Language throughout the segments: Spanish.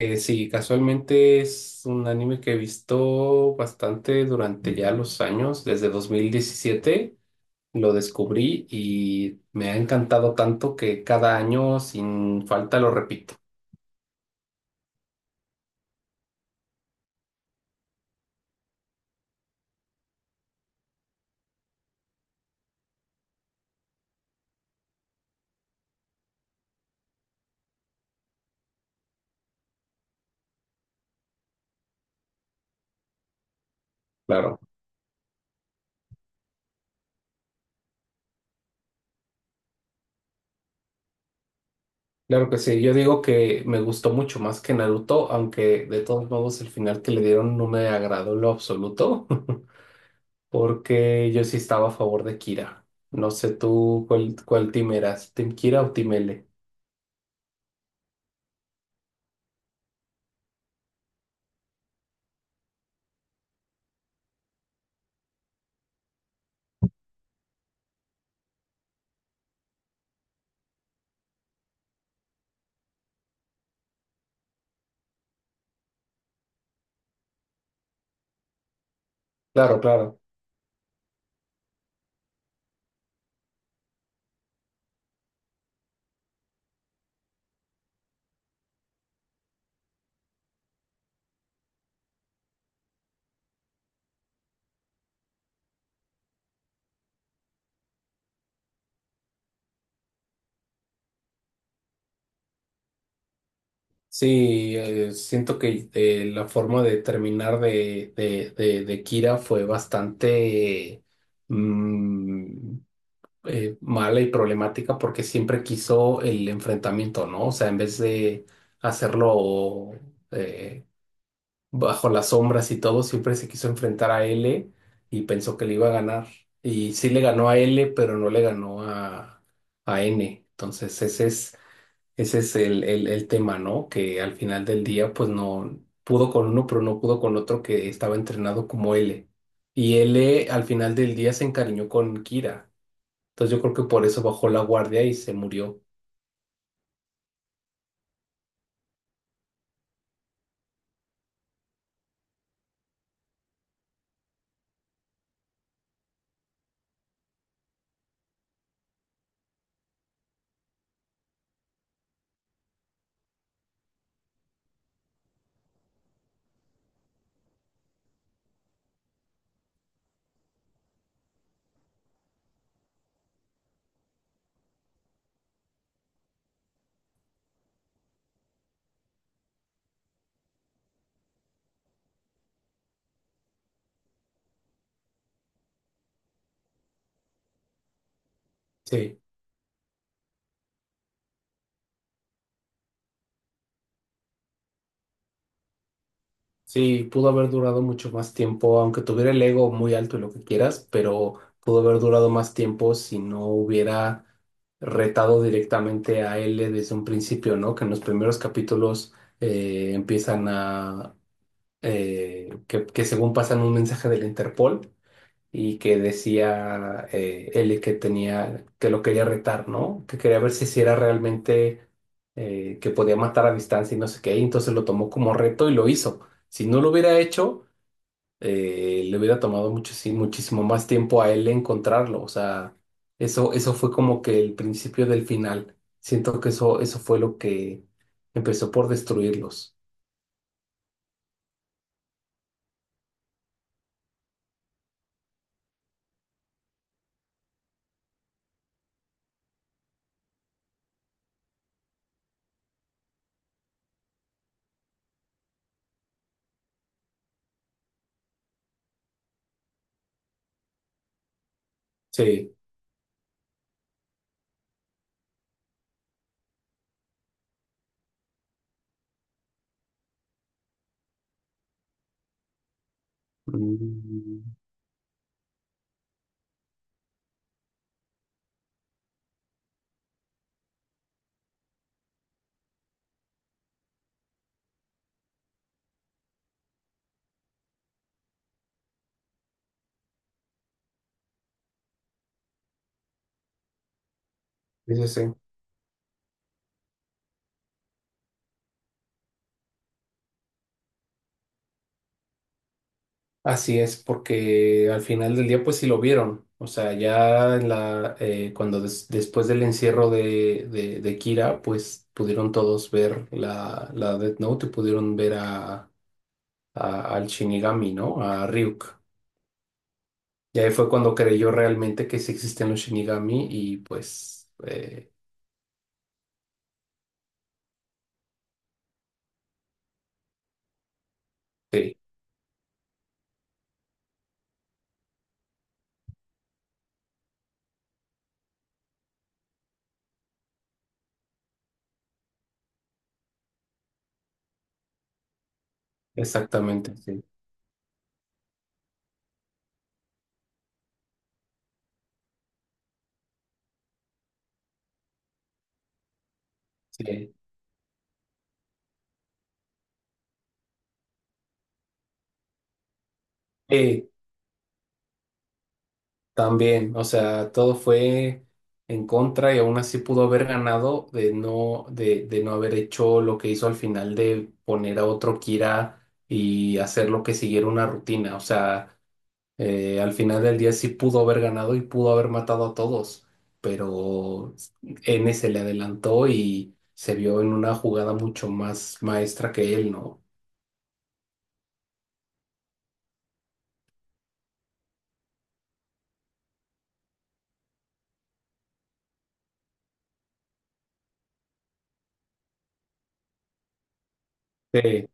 Sí, casualmente es un anime que he visto bastante durante ya los años, desde 2017 lo descubrí y me ha encantado tanto que cada año sin falta lo repito. Claro, claro que sí, yo digo que me gustó mucho más que Naruto, aunque de todos modos el final que le dieron no me agradó en lo absoluto, porque yo sí estaba a favor de Kira. No sé tú cuál team eras, ¿Team Kira o Team L? Claro, claro. Sí, siento que la forma de terminar de Kira fue bastante mm, mala y problemática porque siempre quiso el enfrentamiento, ¿no? O sea, en vez de hacerlo eh, bajo las sombras y todo, siempre se quiso enfrentar a L y pensó que le iba a ganar. Y sí le ganó a L, pero no le ganó a N. Entonces, ese es el tema, ¿no? Que al final del día, pues no pudo con uno, pero no pudo con otro que estaba entrenado como L. Y L al final del día se encariñó con Kira. Entonces yo creo que por eso bajó la guardia y se murió. Sí, sí, pudo haber durado mucho más tiempo, aunque tuviera el ego muy alto y lo que quieras, pero pudo haber durado más tiempo si no hubiera retado directamente a L desde un principio, ¿no? Que en los primeros capítulos empiezan a que según pasan un mensaje del Interpol y que decía él que tenía, que lo quería retar, ¿no? Que quería ver si sí era realmente que podía matar a distancia y no sé qué, y entonces lo tomó como reto y lo hizo. Si no lo hubiera hecho, le hubiera tomado mucho, sí, muchísimo más tiempo a él encontrarlo. O sea, eso fue como que el principio del final. Siento que eso fue lo que empezó por destruirlos. Sí. Mm. Sí, sí, sí. Así es, porque al final del día, pues sí lo vieron. O sea, ya en la, cuando después del encierro de Kira, pues pudieron todos ver la, la Death Note y pudieron ver a, al Shinigami, ¿no? A Ryuk. Y ahí fue cuando creyó realmente que sí existen los Shinigami y pues sí, exactamente, sí. Sí. Sí, también, o sea, todo fue en contra y aún así pudo haber ganado de no haber hecho lo que hizo al final de poner a otro Kira y hacer lo que siguiera una rutina. O sea, al final del día sí pudo haber ganado y pudo haber matado a todos, pero N se le adelantó y se vio en una jugada mucho más maestra que él, ¿no? Sí,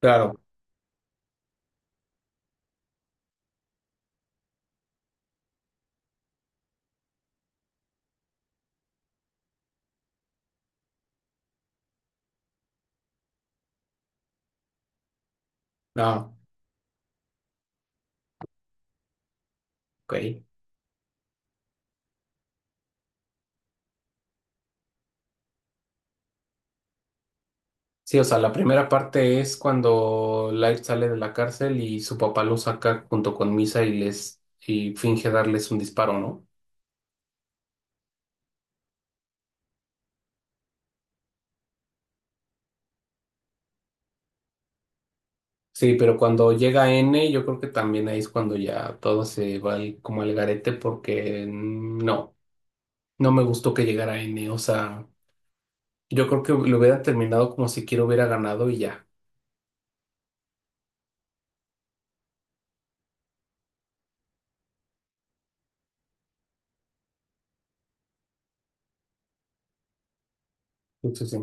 claro. Ah, ok. Sí, o sea, la primera parte es cuando Light sale de la cárcel y su papá lo saca junto con Misa y les y finge darles un disparo, ¿no? Sí, pero cuando llega N, yo creo que también ahí es cuando ya todo se va al- como al garete porque mm, no, no me gustó que llegara N, o sea, yo creo que lo hubiera terminado como si quiero hubiera ganado y ya. Sí, sí, sí,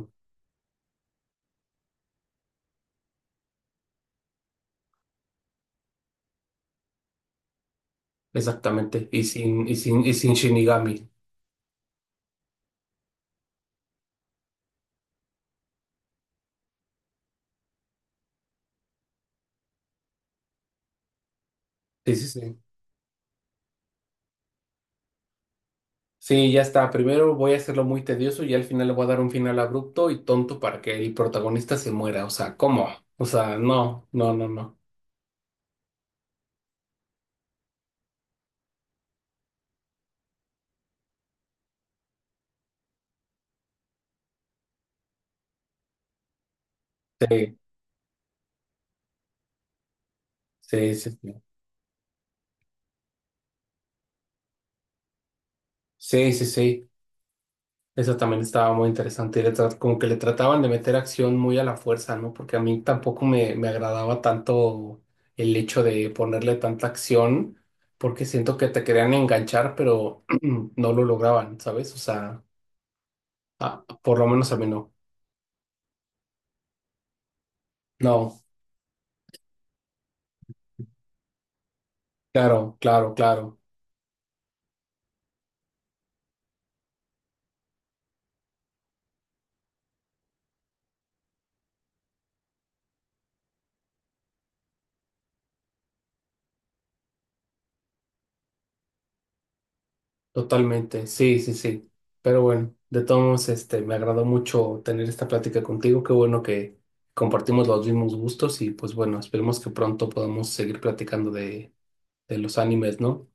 exactamente. Y sin Shinigami. Sí, sí, sí. Sí, ya está. Primero voy a hacerlo muy tedioso y al final le voy a dar un final abrupto y tonto para que el protagonista se muera. O sea, ¿cómo? O sea, no, no, no, no. Sí, sí, sí. Sí, sí, sí, sí. Eso también estaba muy interesante. Y le como que le trataban de meter acción muy a la fuerza, ¿no? Porque a mí tampoco me agradaba tanto el hecho de ponerle tanta acción, porque siento que te querían enganchar, pero no lo lograban, ¿sabes? O sea, ah, por lo menos a mí no. No, claro, claro, claro. Totalmente, sí, sí, sí. Pero bueno, de todos modos, este, me agradó mucho tener esta plática contigo. Qué bueno que compartimos los mismos gustos y pues bueno, esperemos que pronto podamos seguir platicando de los animes, ¿no?